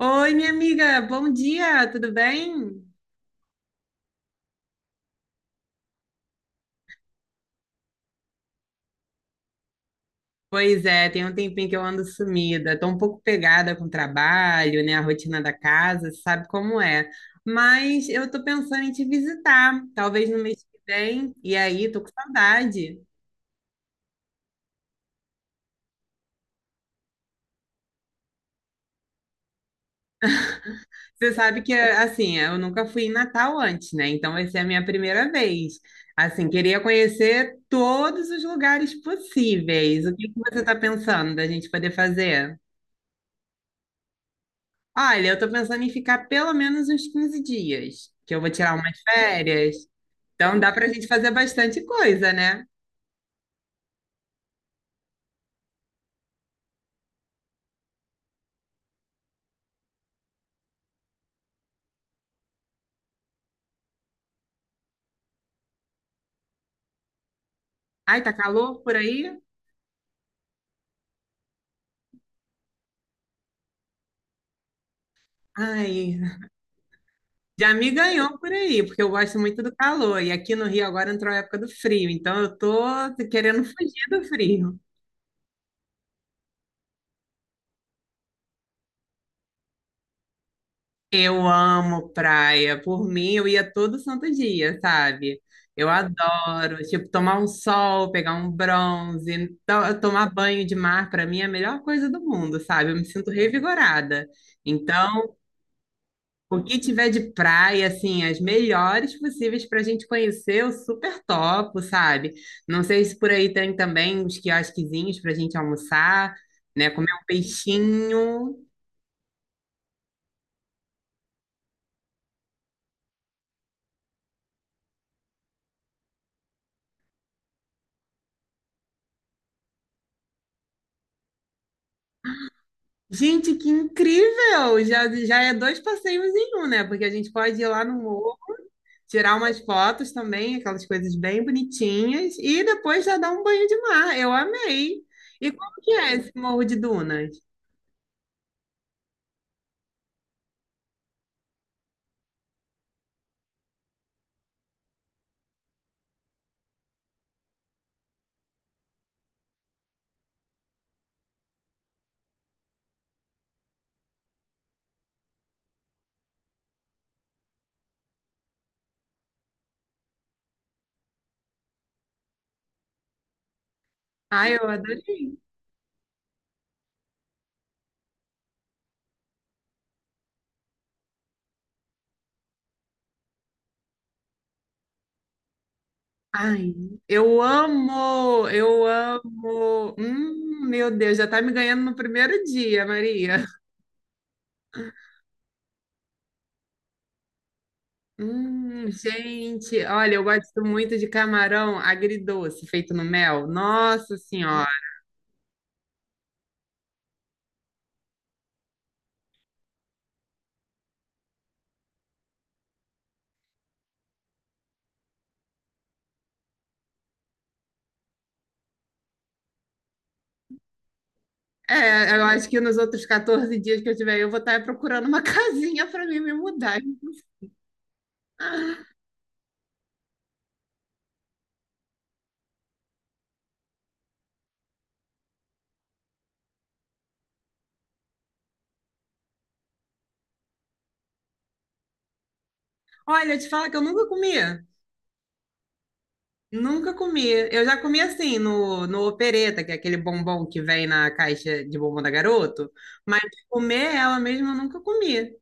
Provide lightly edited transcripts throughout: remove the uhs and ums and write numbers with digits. Oi, minha amiga, bom dia, tudo bem? Pois é, tem um tempinho que eu ando sumida, tô um pouco pegada com o trabalho, né, a rotina da casa, sabe como é. Mas eu tô pensando em te visitar, talvez no mês que vem, e aí tô com saudade. Você sabe que, assim, eu nunca fui em Natal antes, né, então vai ser a minha primeira vez. Assim, queria conhecer todos os lugares possíveis. O que que você tá pensando da gente poder fazer? Olha, eu tô pensando em ficar pelo menos uns 15 dias, que eu vou tirar umas férias. Então dá pra gente fazer bastante coisa, né? Ai, tá calor por aí? Ai, já me ganhou por aí, porque eu gosto muito do calor. E aqui no Rio agora entrou a época do frio, então eu tô querendo fugir do frio. Eu amo praia. Por mim, eu ia todo santo dia, sabe? Eu adoro, tipo, tomar um sol, pegar um bronze, tomar banho de mar, para mim é a melhor coisa do mundo, sabe? Eu me sinto revigorada. Então, o que tiver de praia, assim, as melhores possíveis para a gente conhecer, eu super topo, sabe? Não sei se por aí tem também uns quiosquezinhos para a gente almoçar, né? Comer um peixinho. Gente, que incrível! Já é dois passeios em um, né? Porque a gente pode ir lá no morro, tirar umas fotos também, aquelas coisas bem bonitinhas, e depois já dar um banho de mar. Eu amei! E como que é esse Morro de Dunas? Ai, eu adorei! Ai, eu amo! Eu amo! Meu Deus, já tá me ganhando no primeiro dia, Maria. Gente, olha, eu gosto muito de camarão agridoce feito no mel. Nossa Senhora! É, eu acho que nos outros 14 dias que eu tiver, eu vou estar procurando uma casinha para mim me mudar. Olha, eu te falo que eu nunca comia. Nunca comi. Eu já comi assim no opereta, que é aquele bombom que vem na caixa de bombom da garoto, mas comer ela mesma eu nunca comi.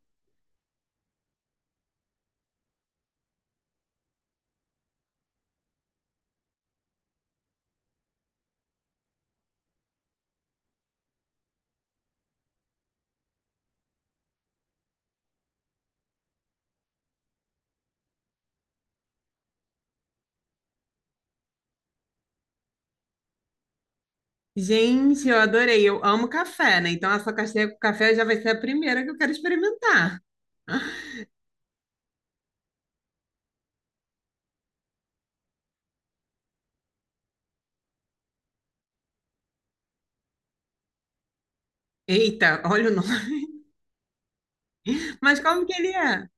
Gente, eu adorei. Eu amo café, né? Então essa caixinha com café já vai ser a primeira que eu quero experimentar. Eita, olha o nome. Mas como que ele é?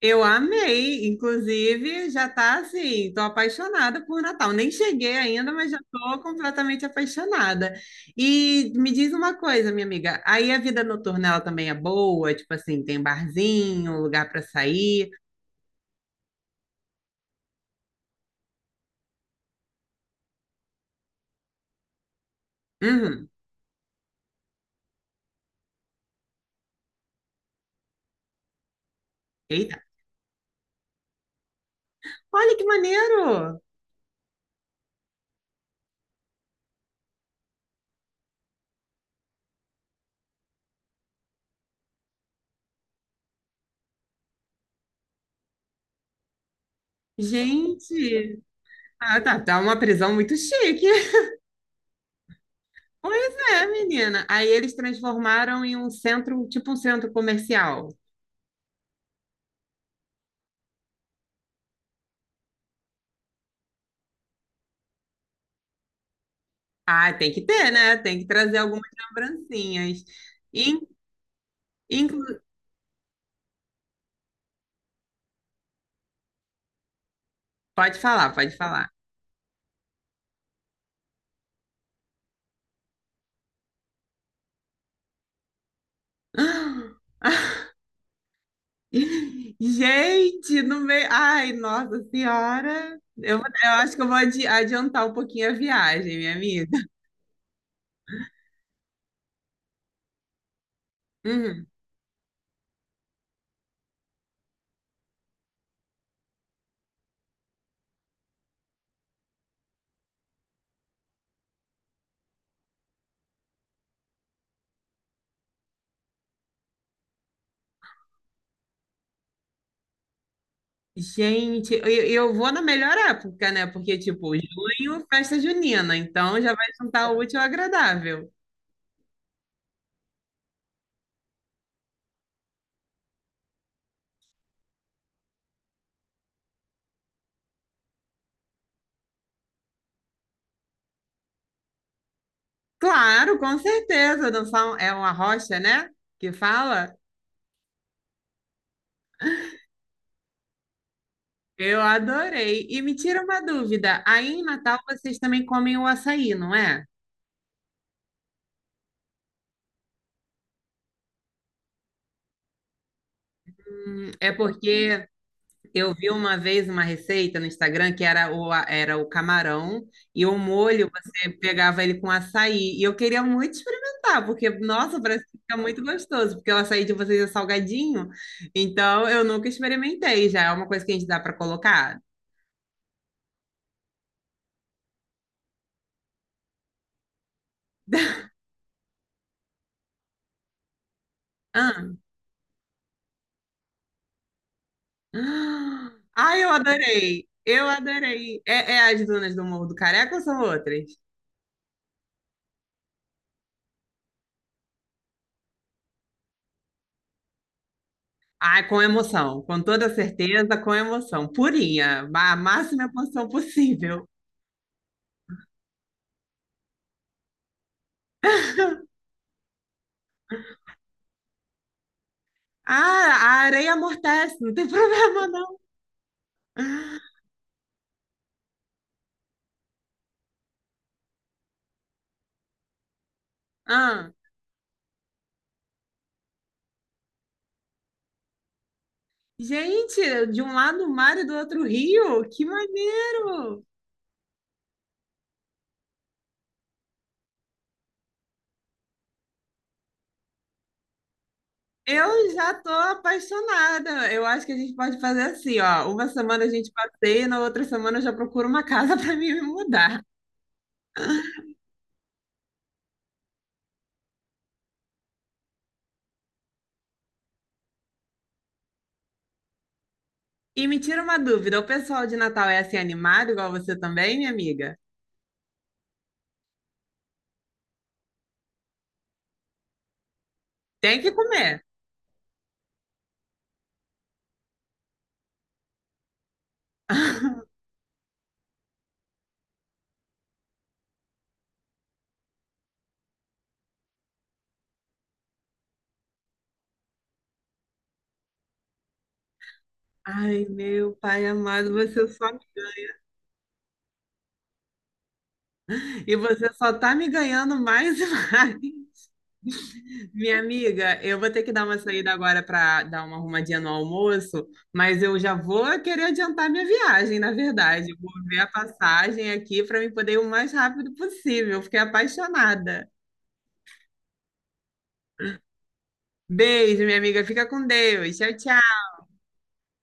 Eu amei, inclusive já tá assim, tô apaixonada por Natal. Nem cheguei ainda, mas já tô completamente apaixonada. E me diz uma coisa, minha amiga, aí a vida noturna ela também é boa, tipo assim, tem barzinho, lugar para sair. Uhum. Eita, olha que maneiro! Gente, ah, tá, tá uma prisão muito chique. Pois é, menina. Aí eles transformaram em um centro, tipo um centro comercial. Ah, tem que ter, né? Tem que trazer algumas lembrancinhas. In, inclu- Pode falar, pode falar. Gente, no meio. Ai, nossa senhora. Eu acho que eu vou adiantar um pouquinho a viagem, minha amiga. Uhum. Gente, eu vou na melhor época, né? Porque, tipo, junho, festa junina. Então já vai juntar o útil ao agradável. Claro, com certeza. É uma rocha, né? Que fala. Eu adorei. E me tira uma dúvida, aí em Natal vocês também comem o açaí, não é? É porque eu vi uma vez uma receita no Instagram que era era o camarão e o molho, você pegava ele com açaí. E eu queria muito experimentar, porque, nossa, parece que fica muito gostoso, porque o açaí de vocês é salgadinho. Então, eu nunca experimentei, já é uma coisa que a gente dá para colocar. Ah, Ah, Ai, eu adorei! Eu adorei! É, é as dunas do Morro do Careca ou são outras? Ai, com emoção, com toda certeza, com emoção. Purinha, a máxima emoção possível. Ah, a areia amortece, não tem problema não. Ah, gente, de um lado o mar e do outro o rio, que maneiro! Eu já tô apaixonada. Eu acho que a gente pode fazer assim, ó. Uma semana a gente passeia, na outra semana eu já procuro uma casa para mim me mudar. E me tira uma dúvida, o pessoal de Natal é assim animado, igual você também, minha amiga? Tem que comer. Ai, meu pai amado, você só me ganha. E você só tá me ganhando mais e mais. Minha amiga, eu vou ter que dar uma saída agora para dar uma arrumadinha no almoço, mas eu já vou querer adiantar minha viagem, na verdade. Vou ver a passagem aqui para me poder ir o mais rápido possível. Fiquei apaixonada. Beijo, minha amiga. Fica com Deus. Tchau, tchau.